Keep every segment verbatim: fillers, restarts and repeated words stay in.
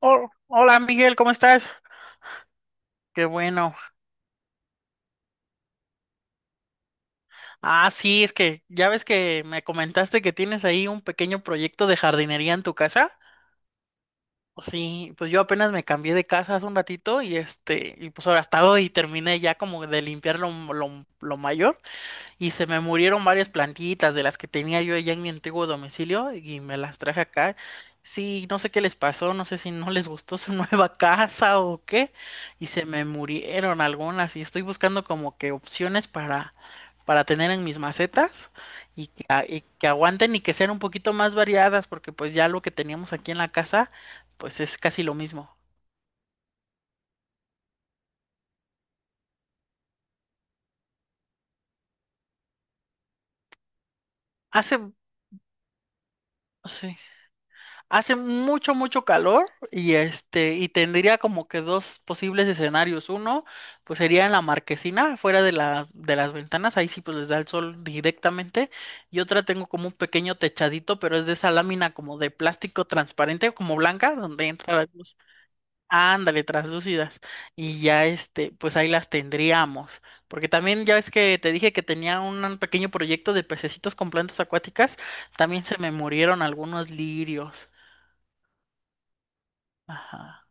Hol- hola Miguel, ¿cómo estás? Qué bueno. Ah, sí, es que ya ves que me comentaste que tienes ahí un pequeño proyecto de jardinería en tu casa. Sí, pues yo apenas me cambié de casa hace un ratito y este, y pues ahora hasta hoy terminé ya como de limpiar lo, lo, lo mayor. Y se me murieron varias plantitas de las que tenía yo allá en mi antiguo domicilio y me las traje acá. Sí, no sé qué les pasó, no sé si no les gustó su nueva casa o qué. Y se me murieron algunas y estoy buscando como que opciones para, para tener en mis macetas y que, a- y que aguanten y que sean un poquito más variadas porque pues ya lo que teníamos aquí en la casa pues es casi lo mismo. Hace... Sí. Hace mucho, mucho calor y este, y tendría como que dos posibles escenarios. Uno, pues sería en la marquesina, fuera de las, de las ventanas, ahí sí pues les da el sol directamente. Y otra tengo como un pequeño techadito, pero es de esa lámina como de plástico transparente, como blanca, donde entra la luz. Ándale, traslúcidas. Y ya este, pues ahí las tendríamos. Porque también ya ves que te dije que tenía un pequeño proyecto de pececitos con plantas acuáticas, también se me murieron algunos lirios. Ajá.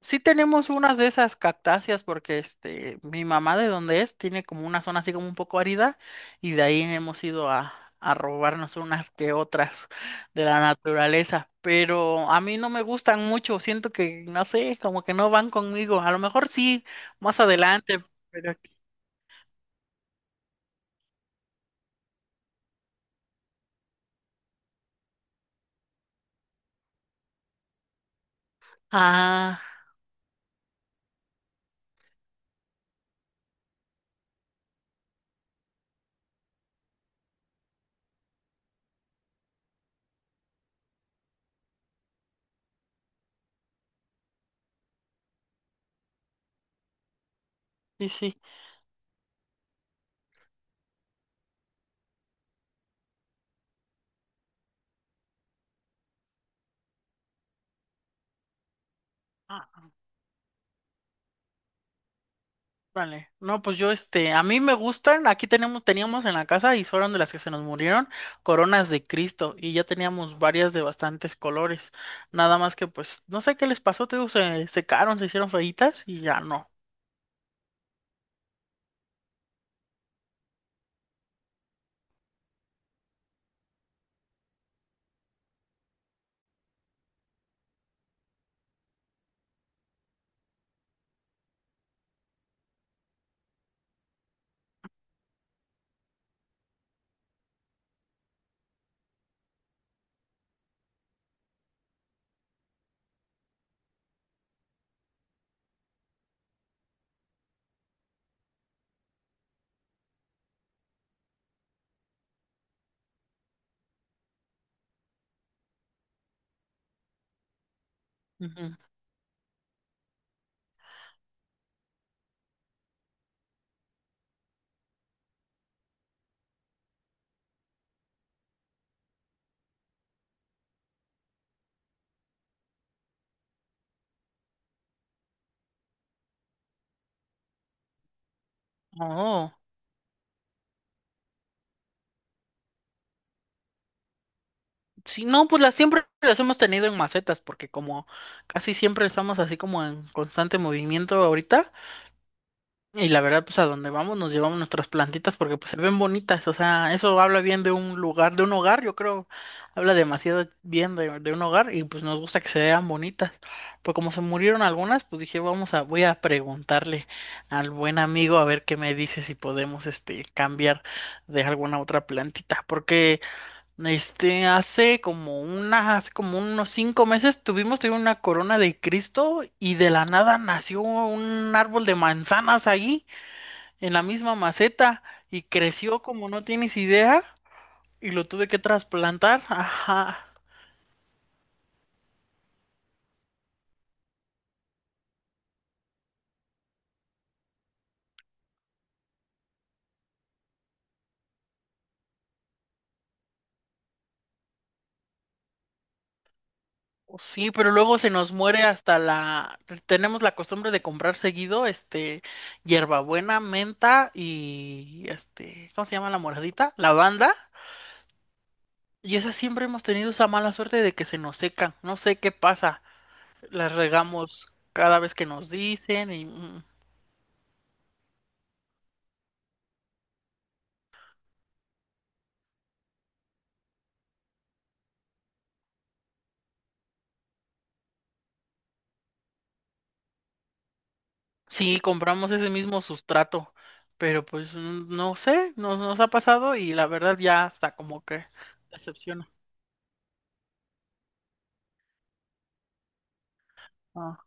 Sí tenemos unas de esas cactáceas porque este, mi mamá de donde es tiene como una zona así como un poco árida y de ahí hemos ido a, a robarnos unas que otras de la naturaleza. Pero a mí no me gustan mucho, siento que, no sé, como que no van conmigo. A lo mejor sí, más adelante, pero... Ah, sí, sí. Vale, no, pues yo, este, a mí me gustan, aquí tenemos, teníamos en la casa y fueron de las que se nos murieron, coronas de Cristo, y ya teníamos varias de bastantes colores, nada más que pues, no sé qué les pasó, te digo, se secaron, se hicieron feitas y ya no. Ujú. Oh, sí, no, pues las siempre las hemos tenido en macetas, porque como casi siempre estamos así como en constante movimiento ahorita, y la verdad, pues a donde vamos nos llevamos nuestras plantitas porque pues se ven bonitas, o sea, eso habla bien de un lugar, de un hogar, yo creo, habla demasiado bien de, de un hogar y pues nos gusta que se vean bonitas. Pues como se murieron algunas, pues dije, vamos a, voy a preguntarle al buen amigo a ver qué me dice si podemos, este, cambiar de alguna otra plantita, porque, este, hace como unas, hace como unos cinco meses tuvimos, tuvimos una corona de Cristo y de la nada nació un árbol de manzanas ahí en la misma maceta y creció como no tienes idea y lo tuve que trasplantar. Ajá. Oh, sí, pero luego se nos muere hasta la... Tenemos la costumbre de comprar seguido, este, hierbabuena, menta y, este, ¿cómo se llama la moradita? Lavanda. Y esa siempre hemos tenido esa mala suerte de que se nos secan. No sé qué pasa. Las regamos cada vez que nos dicen y... mm. Sí, compramos ese mismo sustrato, pero pues mm, no sé, nos, nos ha pasado y la verdad ya está como que decepciona. Ah,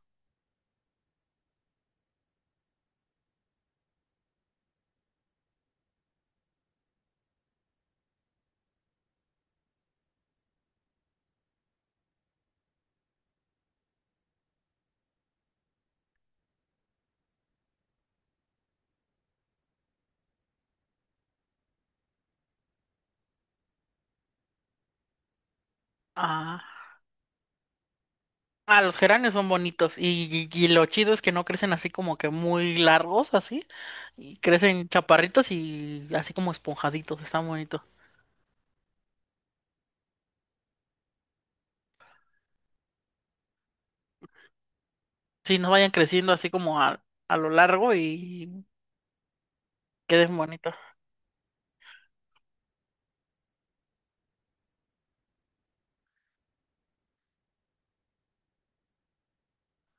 ah, Ah, los geranios son bonitos y, y- y lo chido es que no crecen así como que muy largos, así, y crecen chaparritos y así como esponjaditos, están bonitos. Sí, no vayan creciendo así como a, a lo largo y queden bonitos.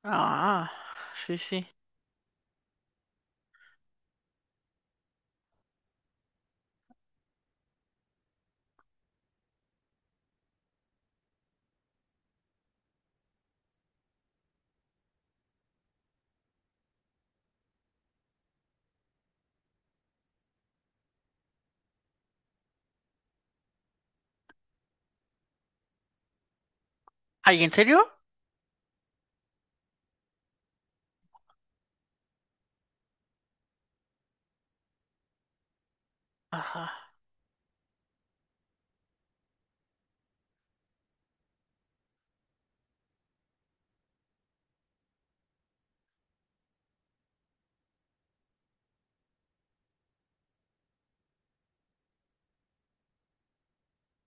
Ah, sí, sí. ¿Ay, en serio? Ajá.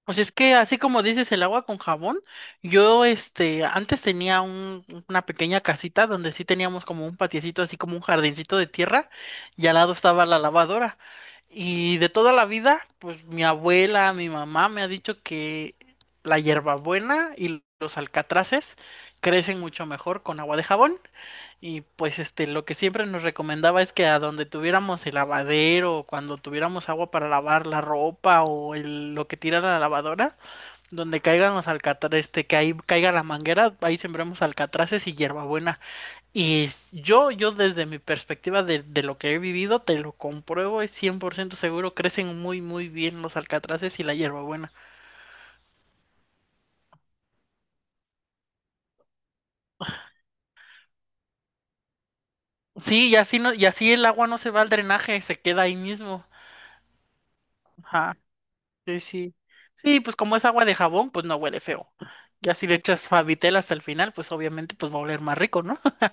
Pues es que así como dices el agua con jabón, yo este antes tenía un, una pequeña casita donde sí teníamos como un patiecito, así como un jardincito de tierra, y al lado estaba la lavadora. Y de toda la vida, pues mi abuela, mi mamá me ha dicho que la hierbabuena y los alcatraces crecen mucho mejor con agua de jabón. Y pues este, lo que siempre nos recomendaba es que a donde tuviéramos el lavadero, o cuando tuviéramos agua para lavar la ropa o el- lo que tira la lavadora, donde caigan los alcatraces, este, que ahí caiga la manguera, ahí sembramos alcatraces y hierbabuena. Y s- yo, yo desde mi perspectiva de, de lo que he vivido, te lo compruebo, es cien por ciento seguro, crecen muy, muy bien los alcatraces y la hierbabuena. Sí, y así no, y así el agua no se va al drenaje, se queda ahí mismo. Ajá. Sí, sí. Sí, pues como es agua de jabón, pues no huele feo. Ya si le echas Favitel hasta el final, pues obviamente pues va a oler más rico, ¿no?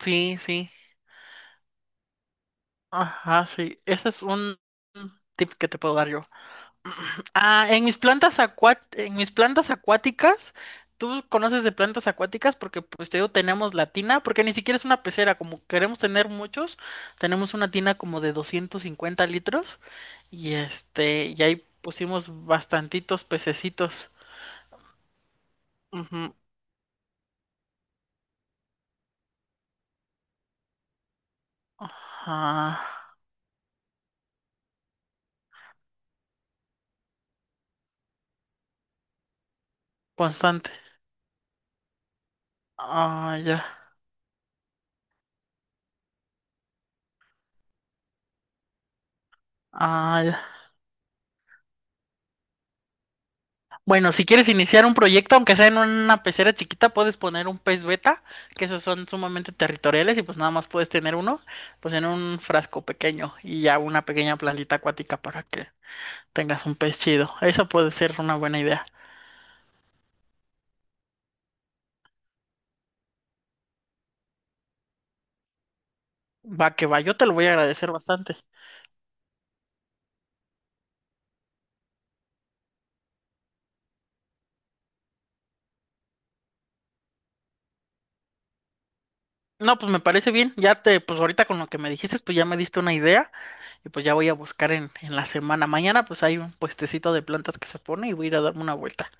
Sí, sí. Ajá, sí. Ese es un un tip que te puedo dar yo. Ah, en mis plantas acua- en mis plantas acuáticas, tú conoces de plantas acuáticas porque pues te digo, tenemos la tina, porque ni siquiera es una pecera, como queremos tener muchos, tenemos una tina como de doscientos cincuenta litros y este, y ahí pusimos bastantitos pececitos. Ujú. Ah, constante. Ah, ya. Ah, ya. Bueno, si quieres iniciar un proyecto, aunque sea en una pecera chiquita, puedes poner un pez beta, que esos son sumamente territoriales y pues nada más puedes tener uno, pues en un frasco pequeño y ya una pequeña plantita acuática para que tengas un pez chido. Esa puede ser una buena idea. Va que va, yo te lo voy a agradecer bastante. No, pues me parece bien. Ya te, pues ahorita con lo que me dijiste, pues ya me diste una idea y pues ya voy a buscar en, en la semana. Mañana pues hay un puestecito de plantas que se pone y voy a ir a darme una vuelta.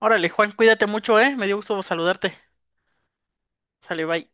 Órale, Juan, cuídate mucho, ¿eh? Me dio gusto saludarte. Sale, bye.